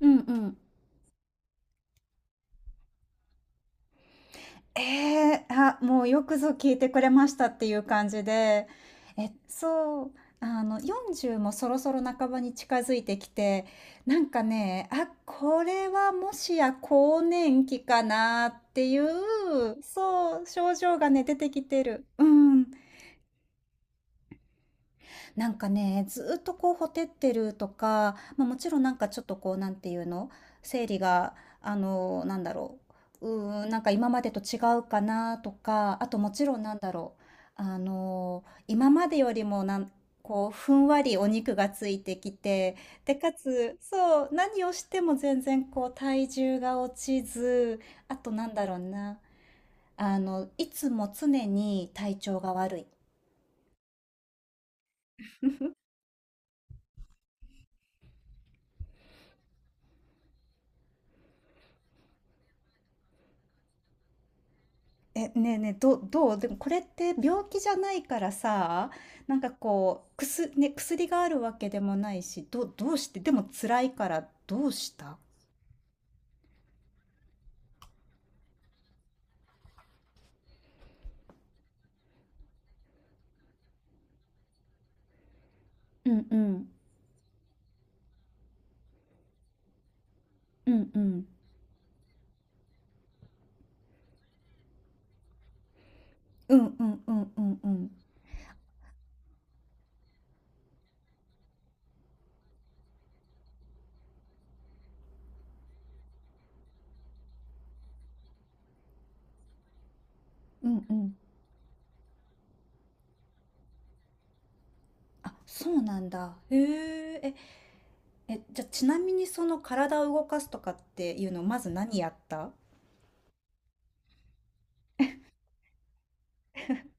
うんうん。えーあ、もうよくぞ聞いてくれましたっていう感じで。え、そう、40もそろそろ半ばに近づいてきて、なんかね、あ、これはもしや更年期かなっていう、そう、症状がね、出てきてる。うん。なんかね、ずっとこう、ほてってるとか、まあ、もちろんなんかちょっとこう、なんていうの、生理が、あの、なんだろなんか今までと違うかなとか、あともちろんなんだろう、今までよりもこう、ふんわりお肉がついてきて、で、かつそう、何をしても全然こう、体重が落ちず、あとなんだろうな、いつも常に体調が悪い。え、ねえねえ、どうでもこれって病気じゃないからさ、なんかこう、薬ね、薬があるわけでもないし、どうして、でも辛いからどうした。うんうん、うんうん、うんうんうんうんうん、うんうん。あ、そうなんだ。へえ。え、じゃあちなみにその体を動かすとかっていうの、まず何やった？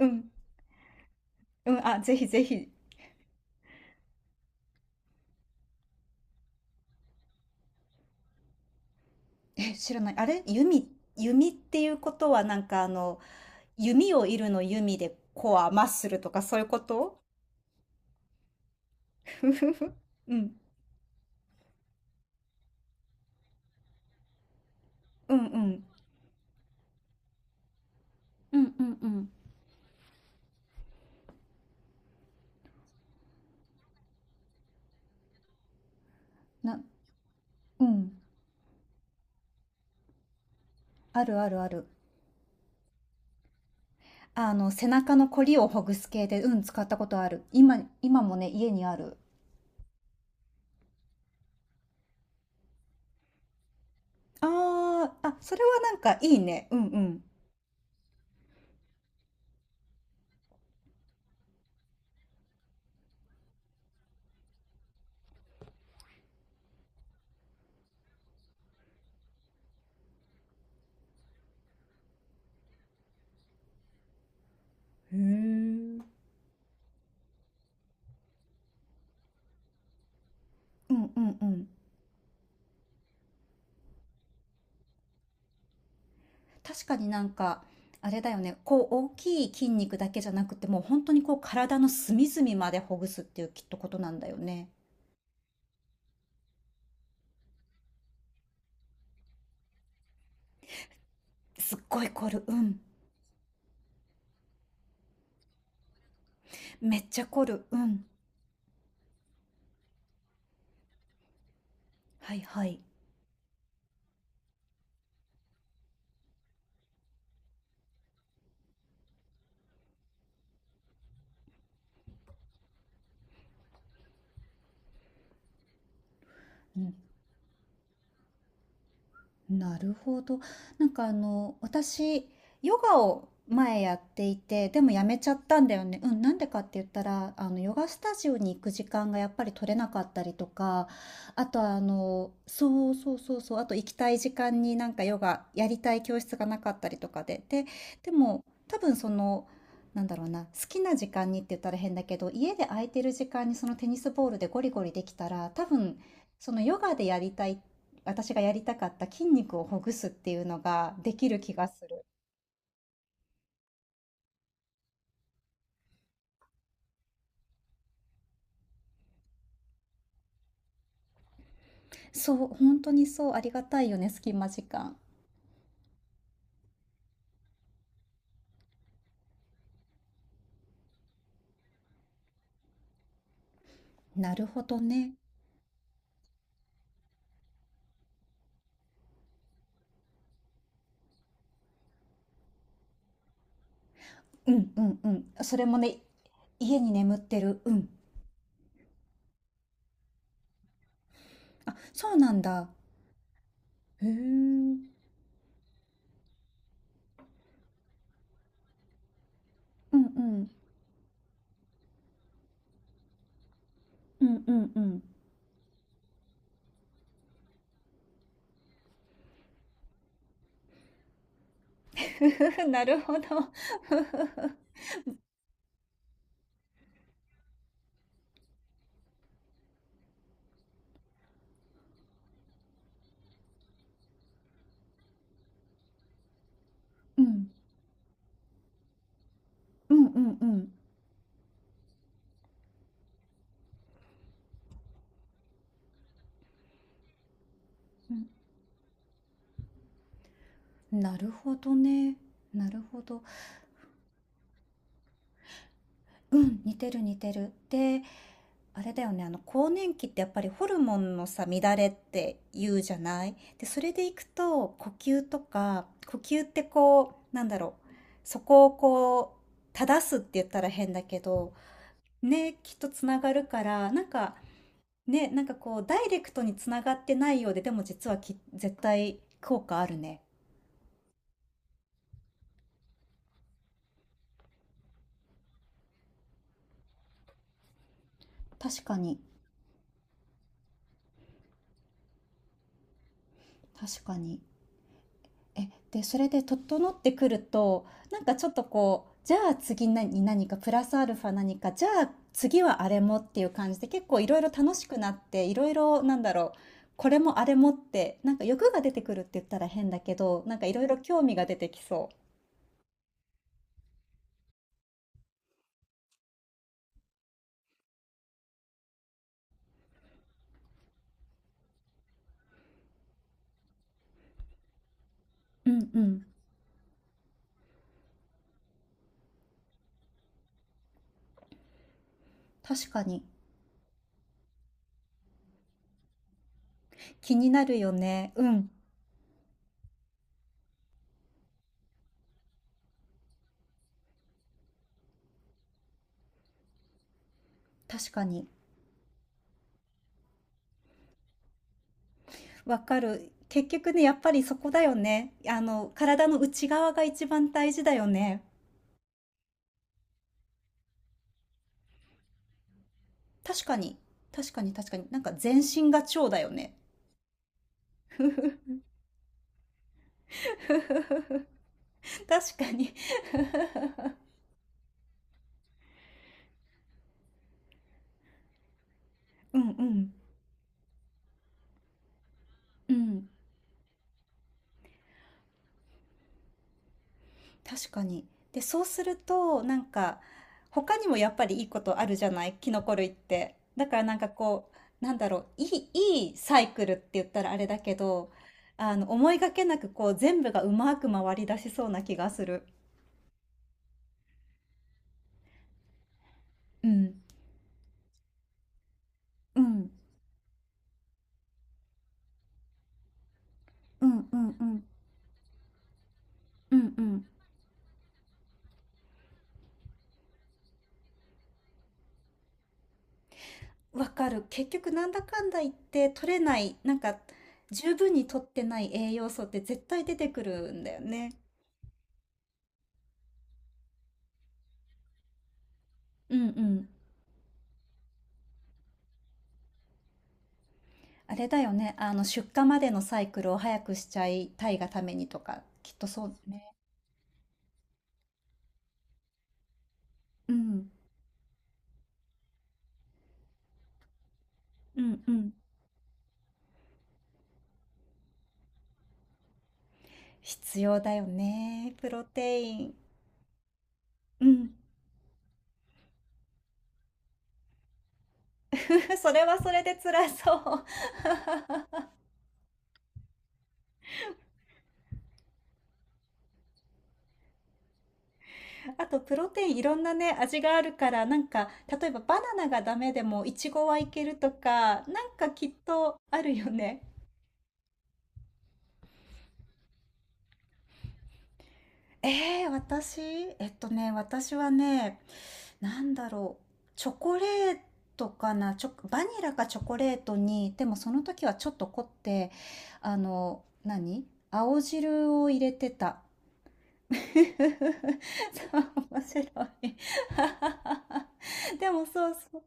うん、うん、あ、ぜひぜひ。え、知らない。あれ弓、弓っていうことはなんかあの、弓を射るの弓でコア、マッスルとかそういうこと？ うん。うんうん。うんうんうん。な、うん。あるあるある。あの、背中のコリをほぐす系で、うん、使ったことある。今もね、家にある。ああ、あ、それはなんかいいね。うんうん。へえ。うんうんうん。確かになんか、あれだよね。こう、大きい筋肉だけじゃなくて、もう本当にこう、体の隅々までほぐすっていうきっとことなんだよね。すっごい凝る。うん。めっちゃ凝る。うん。はいはい。うん。なるほど。なんかあの、私、ヨガを前やっていて、でもやめちゃったんだよね。うん、なんでかって言ったら、あの、ヨガスタジオに行く時間がやっぱり取れなかったりとか、あとあの、そうそうそうそう、あと行きたい時間になんかヨガやりたい教室がなかったりとかで、で、でも多分その、なんだろうな、好きな時間にって言ったら変だけど、家で空いてる時間にそのテニスボールでゴリゴリできたら、多分、そのヨガでやりたいっ私がやりたかった筋肉をほぐすっていうのができる気がする。そう、本当にそう、ありがたいよね、隙間時間。なるほどね。うんうんうん。それもね、家に眠ってる。うん。あ、そうなんだ。へえ。うんうん。うんうんうん。ふふふ、なるほど。ふふふ。うん。うんうんうん。うん。なるほどね。なるほど。うん、似てる似てる。で、あれだよね、あの更年期ってやっぱりホルモンのさ、乱れって言うじゃない。で、それでいくと呼吸とか、呼吸ってこう、なんだろう、そこをこう、正すって言ったら変だけど、ね、きっとつながるから、なんか、ね、なんかこう、ダイレクトにつながってないようで、でも実は絶対効果あるね。確かに、確かに。え、で、それで整ってくると、なんかちょっとこう、じゃあ次何かプラスアルファ何か、じゃあ次はあれもっていう感じで結構いろいろ楽しくなって、いろいろなんだろう、これもあれもって、なんか欲が出てくるって言ったら変だけど、なんかいろいろ興味が出てきそう。うんうん。確かに。気になるよね。うん。確かに。わかる。結局ね、やっぱりそこだよね。あの、体の内側が一番大事だよね。確かに。確かに確かに。なんか全身が蝶だよね。確かに。うんうん。うん。確かに。で、そうすると、なんか、他にもやっぱりいいことあるじゃないキノコ類って。だからなんかこう、なんだろう、いいサイクルって言ったらあれだけど、あの、思いがけなくこう、全部がうまく回り出しそうな気がする。うん。うん。うんうんうん。うんうん。わかる。結局なんだかんだ言って取れない、なんか十分に取ってない栄養素って絶対出てくるんだよね。うんうん。あれだよね。あの出荷までのサイクルを早くしちゃいたいがためにとか、きっとそうだね。うん。うんうん。必要だよね。プロテイン。うん。それはそれで辛そう。あと、プロテインいろんなね、味があるから、なんか、例えばバナナがダメでも、イチゴはいけるとか、なんかきっとあるよね。ええ、私、えっとね、私はね、なんだろう、チョコレートかな、チョ、バニラかチョコレートに、でもその時はちょっと凝って、あの、何青汁を入れてた。そう、面白い。でもそうそう、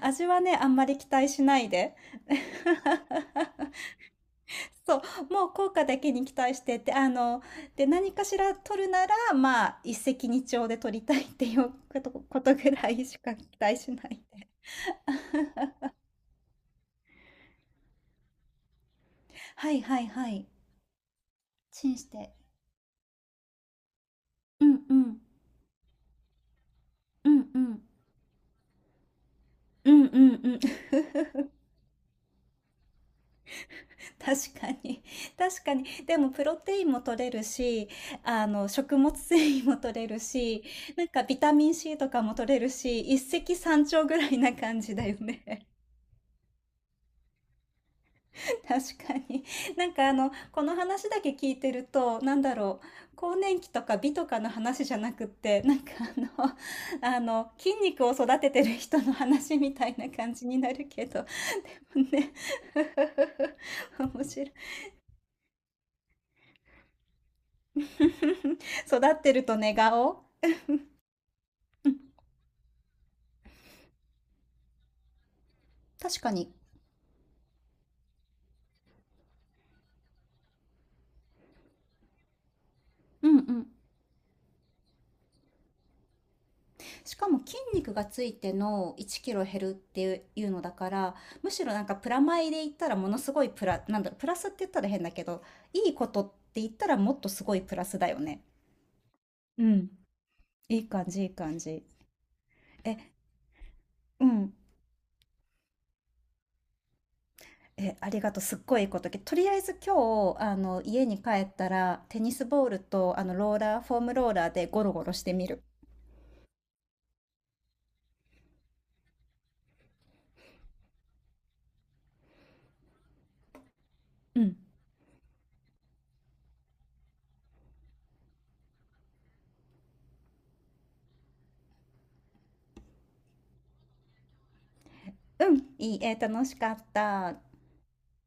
味はね、あんまり期待しないで。そう、もう効果だけに期待してて、あの、で、何かしら取るなら、まあ、一石二鳥で取りたいっていうことぐらいしか期待しないで。はいはいはい。チンして。うんうん。うんうん。うんうんうん。確かに。確かに。でも、プロテインも取れるし、あの、食物繊維も取れるし、なんかビタミン C とかも取れるし、一石三鳥ぐらいな感じだよね。確かに。なんかあの、この話だけ聞いてると、なんだろう、更年期とか美とかの話じゃなくって、なんかあの、あの、筋肉を育ててる人の話みたいな感じになるけど、ね。面白い。育ってると寝顔確かに。うんうん。しかも筋肉がついての1キロ減るっていうのだから、むしろなんかプラマイで言ったらものすごいプラ、なんだろう、プラスって言ったら変だけど、いいことって言ったらもっとすごいプラスだよね。うん。いい感じいい感じ。えうん。ありがとう、すっごいいいこと、とりあえず今日あの家に帰ったらテニスボールとあのローラー、フォームローラーでゴロゴロしてみる。うんうん、いいえー楽しかった。